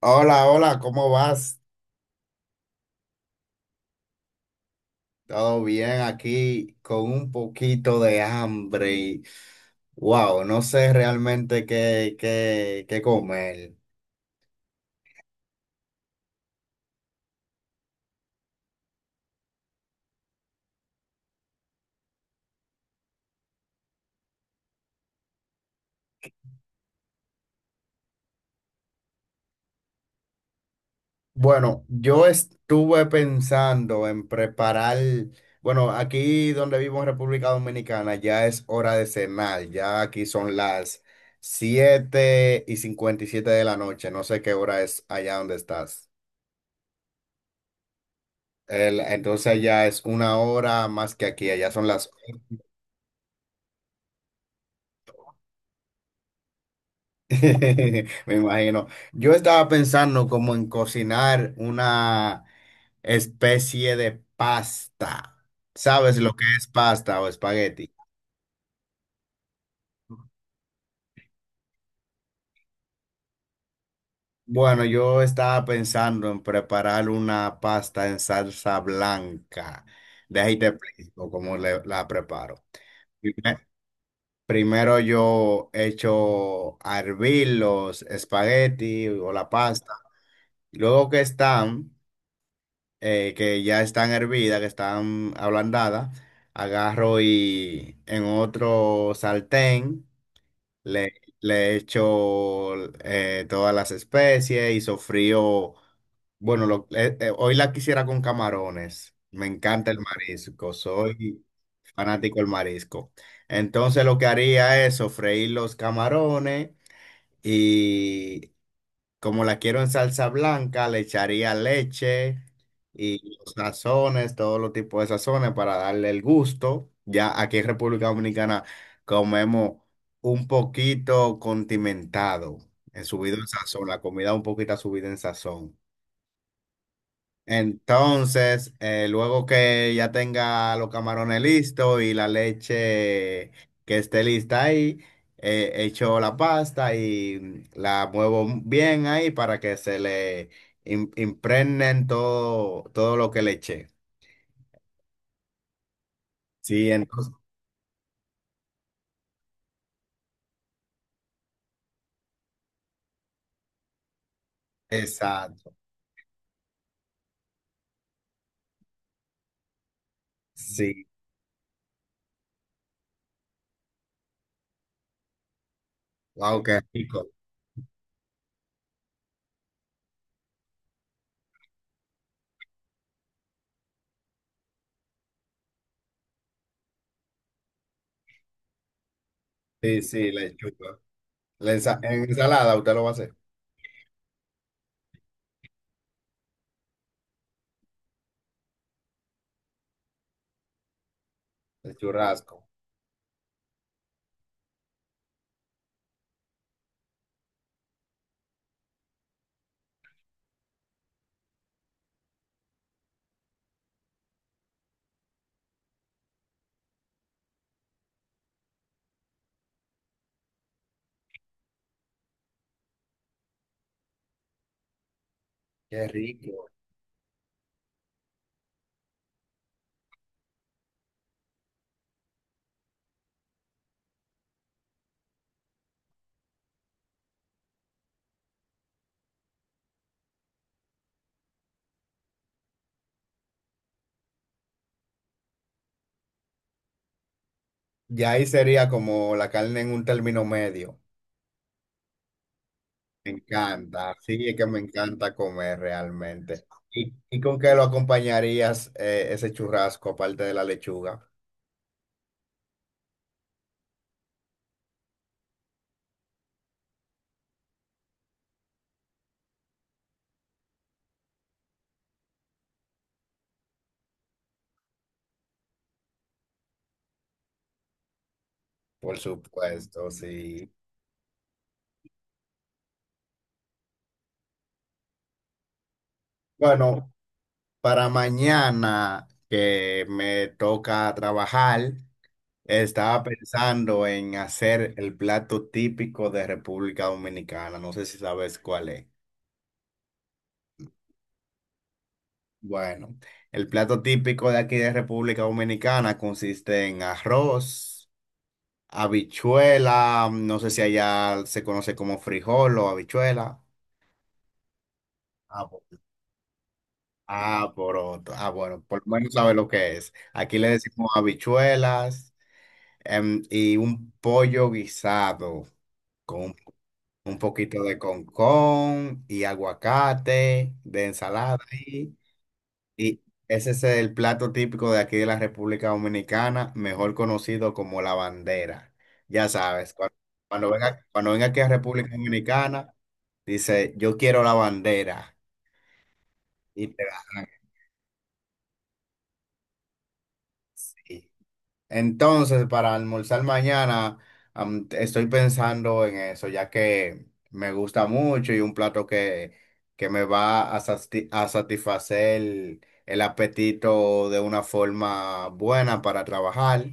Hola, hola, ¿cómo vas? Todo bien aquí con un poquito de hambre y wow, no sé realmente qué comer. Bueno, yo estuve pensando en preparar, bueno, aquí donde vivo en República Dominicana ya es hora de cenar, ya aquí son las 7:57 de la noche, no sé qué hora es allá donde estás. Entonces ya es una hora más que aquí, allá son las Me imagino. Yo estaba pensando como en cocinar una especie de pasta. ¿Sabes lo que es pasta o espagueti? Bueno, yo estaba pensando en preparar una pasta en salsa blanca. De ahí te explico la preparo. Primer- Primero yo echo a hervir los espagueti o la pasta. Luego que ya están hervidas, que están ablandadas, agarro y en otro sartén le, le echo todas las especies y sofrío. Bueno, hoy la quisiera con camarones. Me encanta el marisco, soy fanático del marisco. Entonces lo que haría es sofreír los camarones y como la quiero en salsa blanca, le echaría leche y los sazones, todos los tipos de sazones para darle el gusto. Ya aquí en República Dominicana comemos un poquito condimentado, en subido en sazón, la comida un poquito subida en sazón. Entonces, luego que ya tenga los camarones listos y la leche que esté lista ahí, echo la pasta y la muevo bien ahí para que se le impregnen todo, todo lo que le eché. Sí, entonces, exacto. Sí, wow, qué rico. Sí, sí, lechuga. La en ensalada usted lo va a hacer, el churrasco. Qué rico. Y ahí sería como la carne en un término medio. Me encanta, sí, es que me encanta comer realmente. Y, ¿y con qué lo acompañarías ese churrasco aparte de la lechuga? Por supuesto, sí. Bueno, para mañana que me toca trabajar, estaba pensando en hacer el plato típico de República Dominicana. No sé si sabes cuál es. Bueno, el plato típico de aquí de República Dominicana consiste en arroz. Habichuela, mm, no sé si allá se conoce como frijol o habichuela. Ah, poroto. Ah, bueno, por lo menos sabe lo que es. Aquí le decimos habichuelas, y un pollo guisado con un poquito de concón y aguacate de ensalada ahí. Y ese es el plato típico de aquí de la República Dominicana, mejor conocido como la bandera. Ya sabes, cuando, cuando venga aquí a República Dominicana, dice, yo quiero la bandera y te la dan aquí. Entonces, para almorzar mañana, estoy pensando en eso, ya que me gusta mucho y un plato que me va a, satisfacer el apetito de una forma buena para trabajar.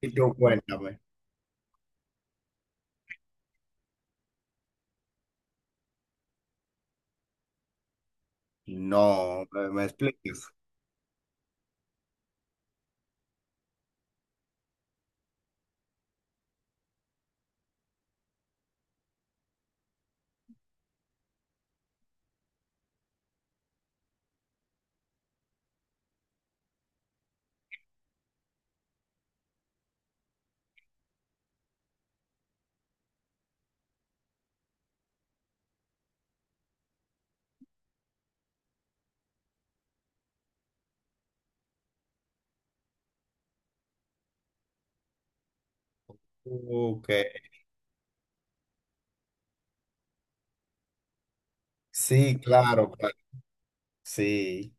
Y tú cuéntame. No, me expliques. Ok. Sí, claro, claro. Sí,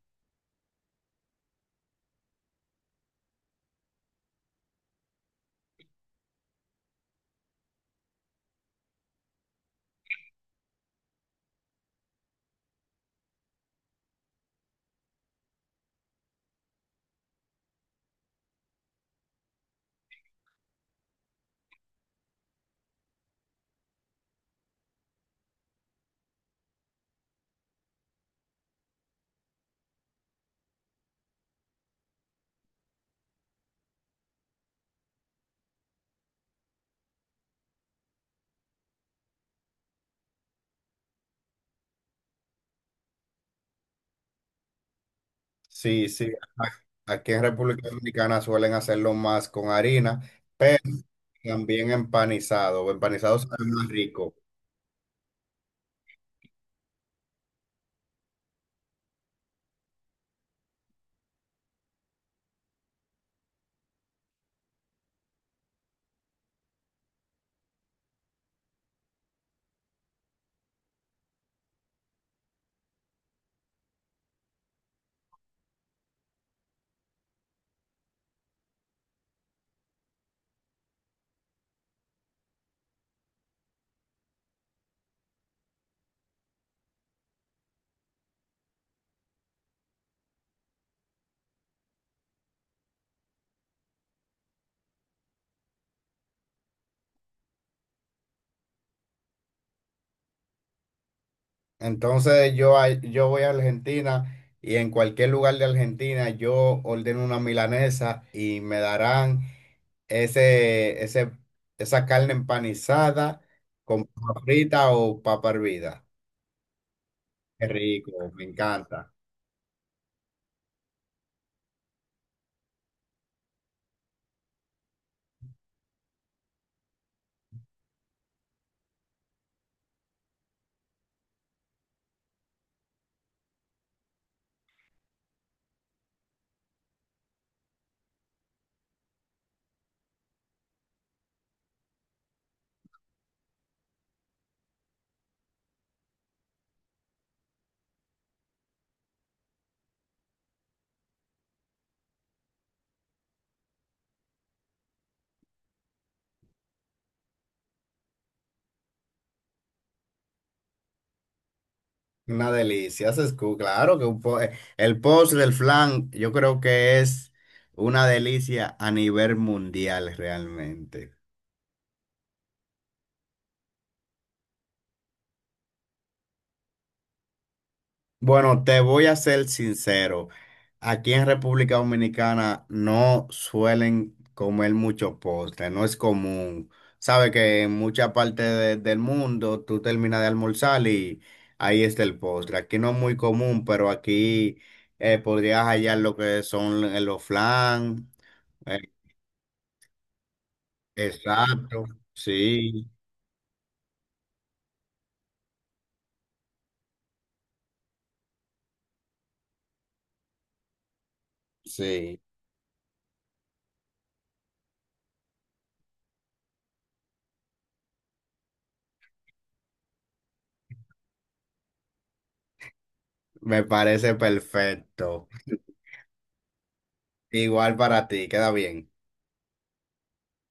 sí, sí. A- Aquí en República Dominicana suelen hacerlo más con harina, también empanizado. Empanizado sabe más rico. Entonces yo, yo voy a Argentina y en cualquier lugar de Argentina yo ordeno una milanesa y me darán ese, ese, esa carne empanizada con papa frita o papa hervida. Qué rico, me encanta. Una delicia. Claro el post del flan yo creo que es una delicia a nivel mundial realmente. Bueno, te voy a ser sincero. Aquí en República Dominicana no suelen comer mucho postre, no es común. Sabe que en mucha parte del mundo tú terminas de almorzar y ahí está el postre. Aquí no es muy común, pero aquí podrías hallar lo que son los flan. eh, exacto, sí, sí, me parece perfecto. Igual para ti, queda bien.